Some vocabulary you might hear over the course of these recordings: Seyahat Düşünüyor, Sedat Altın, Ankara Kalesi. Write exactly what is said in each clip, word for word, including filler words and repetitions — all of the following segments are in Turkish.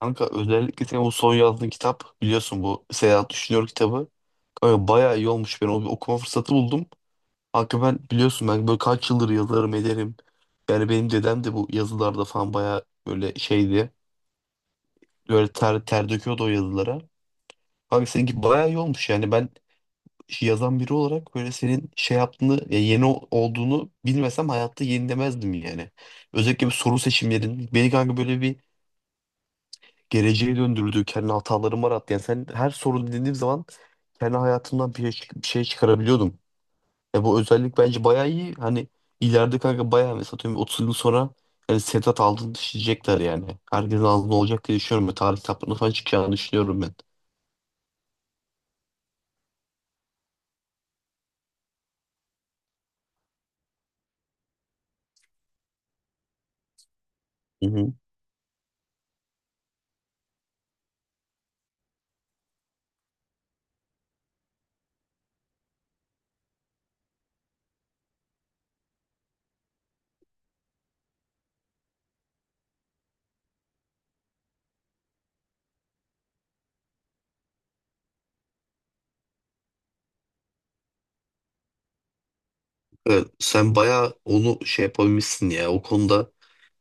Kanka özellikle senin bu son yazdığın kitap biliyorsun bu Seyahat Düşünüyor kitabı. Kanka bayağı iyi olmuş. Ben o okuma fırsatı buldum. Kanka ben biliyorsun ben böyle kaç yıldır yazarım ederim. Yani benim dedem de bu yazılarda falan bayağı böyle şeydi. Böyle ter, ter döküyordu o yazılara. Kanka seninki bayağı iyi olmuş yani ben şey, yazan biri olarak böyle senin şey yaptığını ya yeni o- olduğunu bilmesem hayatta yenilemezdim yani. Özellikle bir soru seçimlerin beni kanka böyle bir geleceğe döndürdüğü kendi hatalarım var rahat. Yani sen her sorun dediğim zaman kendi hayatımdan bir şey, bir şey çıkarabiliyordum. E bu özellik bence bayağı iyi. Hani ileride kanka bayağı mesela atıyorum otuz yıl sonra yani Sedat Altın düşecekler yani. Herkesin ağzında olacak diye düşünüyorum. Ve tarih kitaplarına falan çıkacağını düşünüyorum ben. Hı hı. Evet, sen bayağı onu şey yapabilmişsin ya o konuda.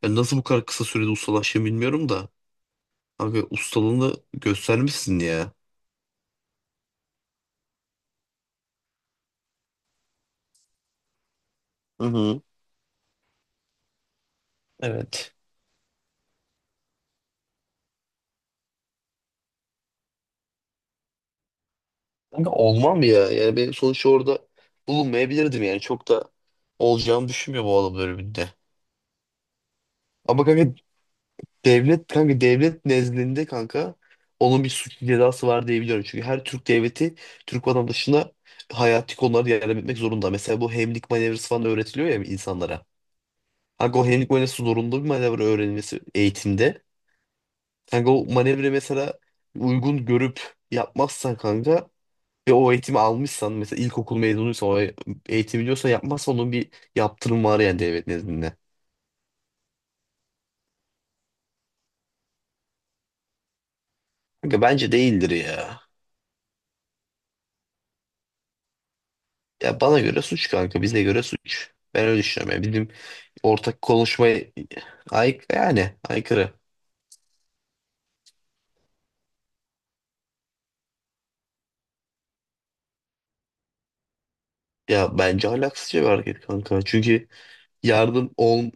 Ben nasıl bu kadar kısa sürede ustalaştığını bilmiyorum da. Abi ustalığını göstermişsin ya. Hı hı. Evet. Kanka olmam ya. Yani ben sonuçta orada bulunmayabilirdim yani. Çok da olacağını düşünmüyorum o adam bölümünde. Ama kanka devlet kanka devlet nezdinde kanka onun bir suç cezası var diye biliyorum. Çünkü her Türk devleti Türk vatandaşına hayati konularda yardım etmek zorunda. Mesela bu hemlik manevrası falan öğretiliyor ya insanlara. Kanka o hemlik manevrası zorunlu bir manevra öğrenilmesi eğitimde. Kanka o manevra mesela uygun görüp yapmazsan kanka. Ve o eğitimi almışsan mesela ilkokul mezunuysa o eğitimi diyorsa yapmazsa onun bir yaptırım var yani devlet nezdinde. Kanka bence değildir ya. Ya bana göre suç kanka bize göre suç. Ben öyle düşünüyorum yani bizim ortak konuşmaya ay yani aykırı. Ya bence ahlaksızca bir hareket kanka. Çünkü yardım ol,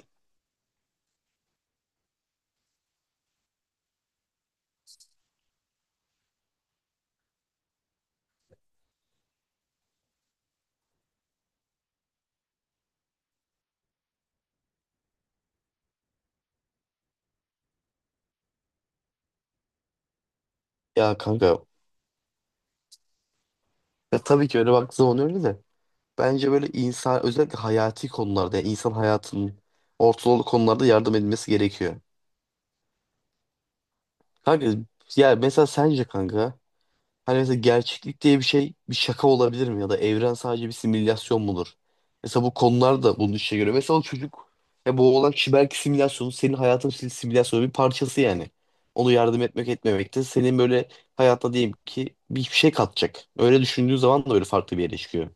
ya kanka ya tabii ki öyle baktığı zaman öyle de bence böyle insan özellikle hayati konularda yani insan hayatının ortalığı konularda yardım edilmesi gerekiyor. Kanka ya mesela sence kanka. Hani mesela gerçeklik diye bir şey bir şaka olabilir mi? Ya da evren sadece bir simülasyon mudur? Mesela bu konular da bunun işe göre. Mesela o çocuk ya bu olan kişi belki simülasyonu senin hayatın sil- simülasyonu bir parçası yani. Onu yardım etmek etmemek de senin böyle hayatta diyeyim ki bir şey katacak. Öyle düşündüğün zaman da öyle farklı bir yere çıkıyor.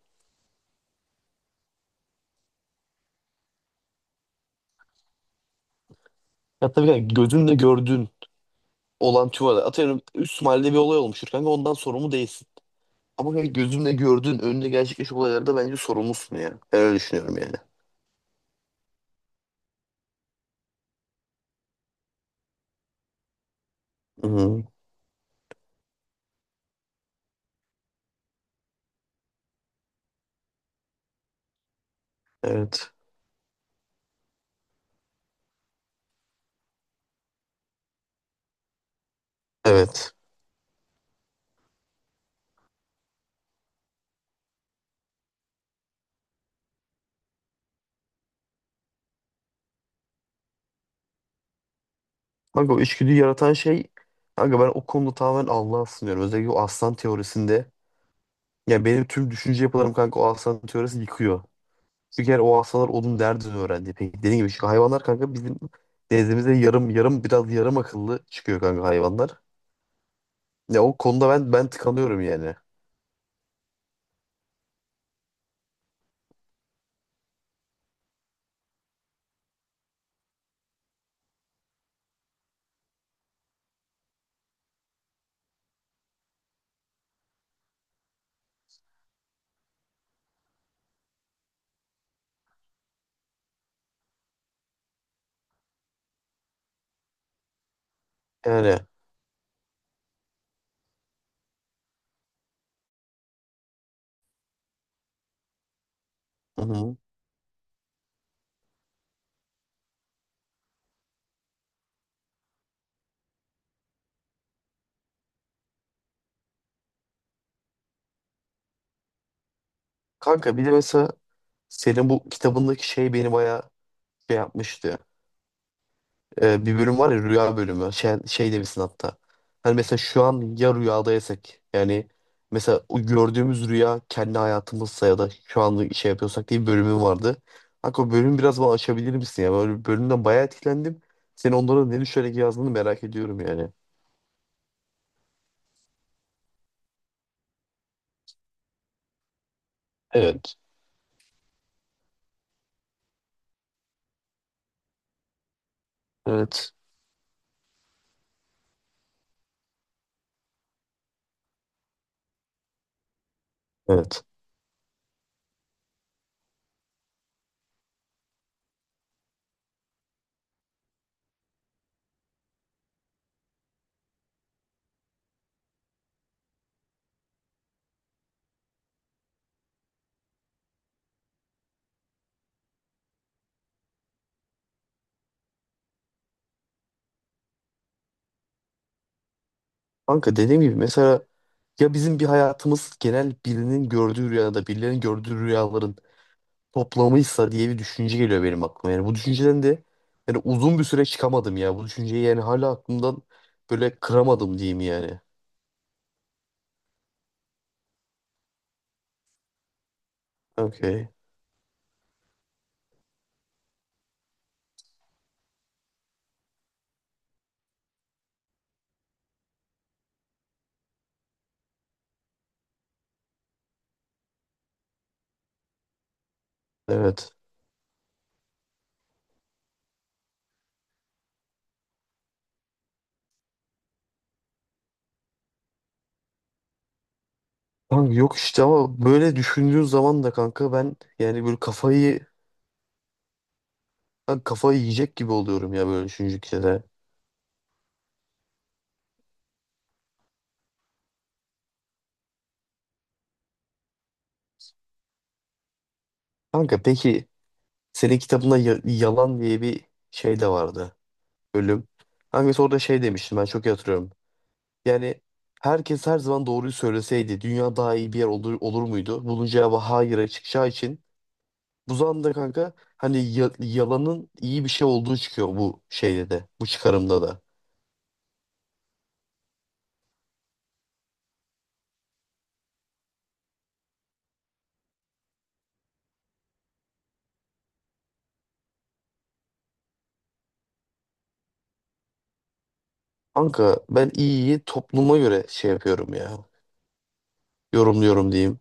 Ya tabii yani gözünle gördüğün olan tüvada atıyorum üst mahallede bir olay olmuştur kanka ondan sorumlu değilsin. Ama yani gözünle gördüğün önünde gerçekleşen olaylarda bence sorumlusun ya. Ben öyle düşünüyorum yani. Hı, evet. Evet. Kanka o içgüdüyü yaratan şey kanka ben o konuda tamamen Allah'a sınıyorum. Özellikle o aslan teorisinde. Yani benim tüm düşünce yapılarım kanka o aslan teorisi yıkıyor. Çünkü yani o aslanlar onun derdini öğrendi. Peki dediğim gibi çünkü hayvanlar kanka bizim nezdimizde yarım yarım biraz yarım akıllı çıkıyor kanka hayvanlar. Ya o konuda ben ben tıkanıyorum yani. Yani. Hı hı. Kanka bir de mesela senin bu kitabındaki şey beni bayağı şey yapmıştı. Ee, bir bölüm var ya rüya bölümü. Şey, şey demişsin hatta. Hani mesela şu an ya rüyadaysak yani mesela o gördüğümüz rüya kendi hayatımızsa ya da şu anda şey yapıyorsak diye bir bölümün vardı. Kanka o bölümü biraz bana açabilir misin ya? Böyle bir bölümden bayağı etkilendim. Senin onlara ne düşünerek yazdığını merak ediyorum yani. Evet. Evet. Evet. Kanka dediğim gibi mesela ya bizim bir hayatımız genel birinin gördüğü rüyada, birilerinin gördüğü rüyaların toplamıysa diye bir düşünce geliyor benim aklıma. Yani bu düşünceden de yani uzun bir süre çıkamadım ya. Bu düşünceyi yani hala aklımdan böyle kıramadım diyeyim yani. Okey. Evet. Kanka yok işte ama böyle düşündüğün zaman da kanka ben yani böyle kafayı ben kafayı yiyecek gibi oluyorum ya böyle düşündükçe de. Kanka peki senin kitabında ya- yalan diye bir şey de vardı. Bölüm. Hangisi orada şey demiştim ben çok iyi hatırlıyorum. Yani herkes her zaman doğruyu söyleseydi dünya daha iyi bir yer olur, olur muydu? Bunun cevabı hayır'a çıkacağı için bu zamanda kanka hani ya- yalanın iyi bir şey olduğu çıkıyor bu şeyde de bu çıkarımda da. Kanka ben iyiyi topluma göre şey yapıyorum ya, yorumluyorum diyeyim.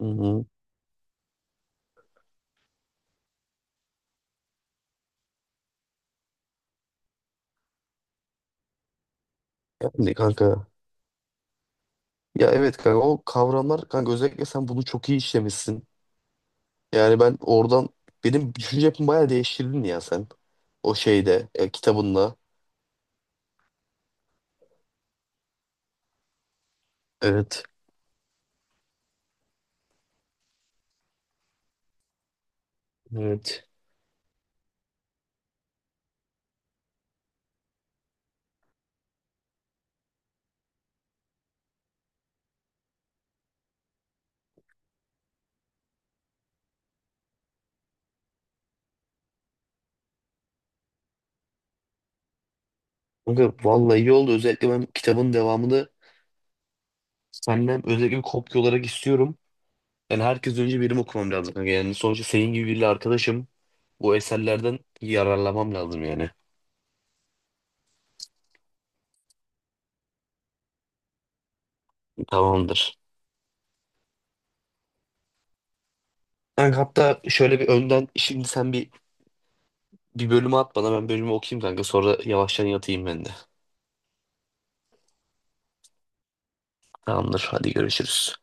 Hı hı. Yani kanka ya evet kanka o kavramlar kanka özellikle sen bunu çok iyi işlemişsin. Yani ben oradan benim düşünce yapımı bayağı değiştirdin ya sen o şeyde e, kitabınla. Evet. Evet. Kanka vallahi iyi oldu. Özellikle ben kitabın devamını senden özellikle bir kopya olarak istiyorum. Yani herkes önce benim okumam lazım, kanka. Yani sonuçta senin gibi biriyle arkadaşım. Bu eserlerden yararlanmam lazım yani. Tamamdır. Kanka hatta şöyle bir önden şimdi sen bir bir bölümü at bana ben bölümü okuyayım kanka. Sonra yavaştan yatayım ben de. Tamamdır. Hadi görüşürüz.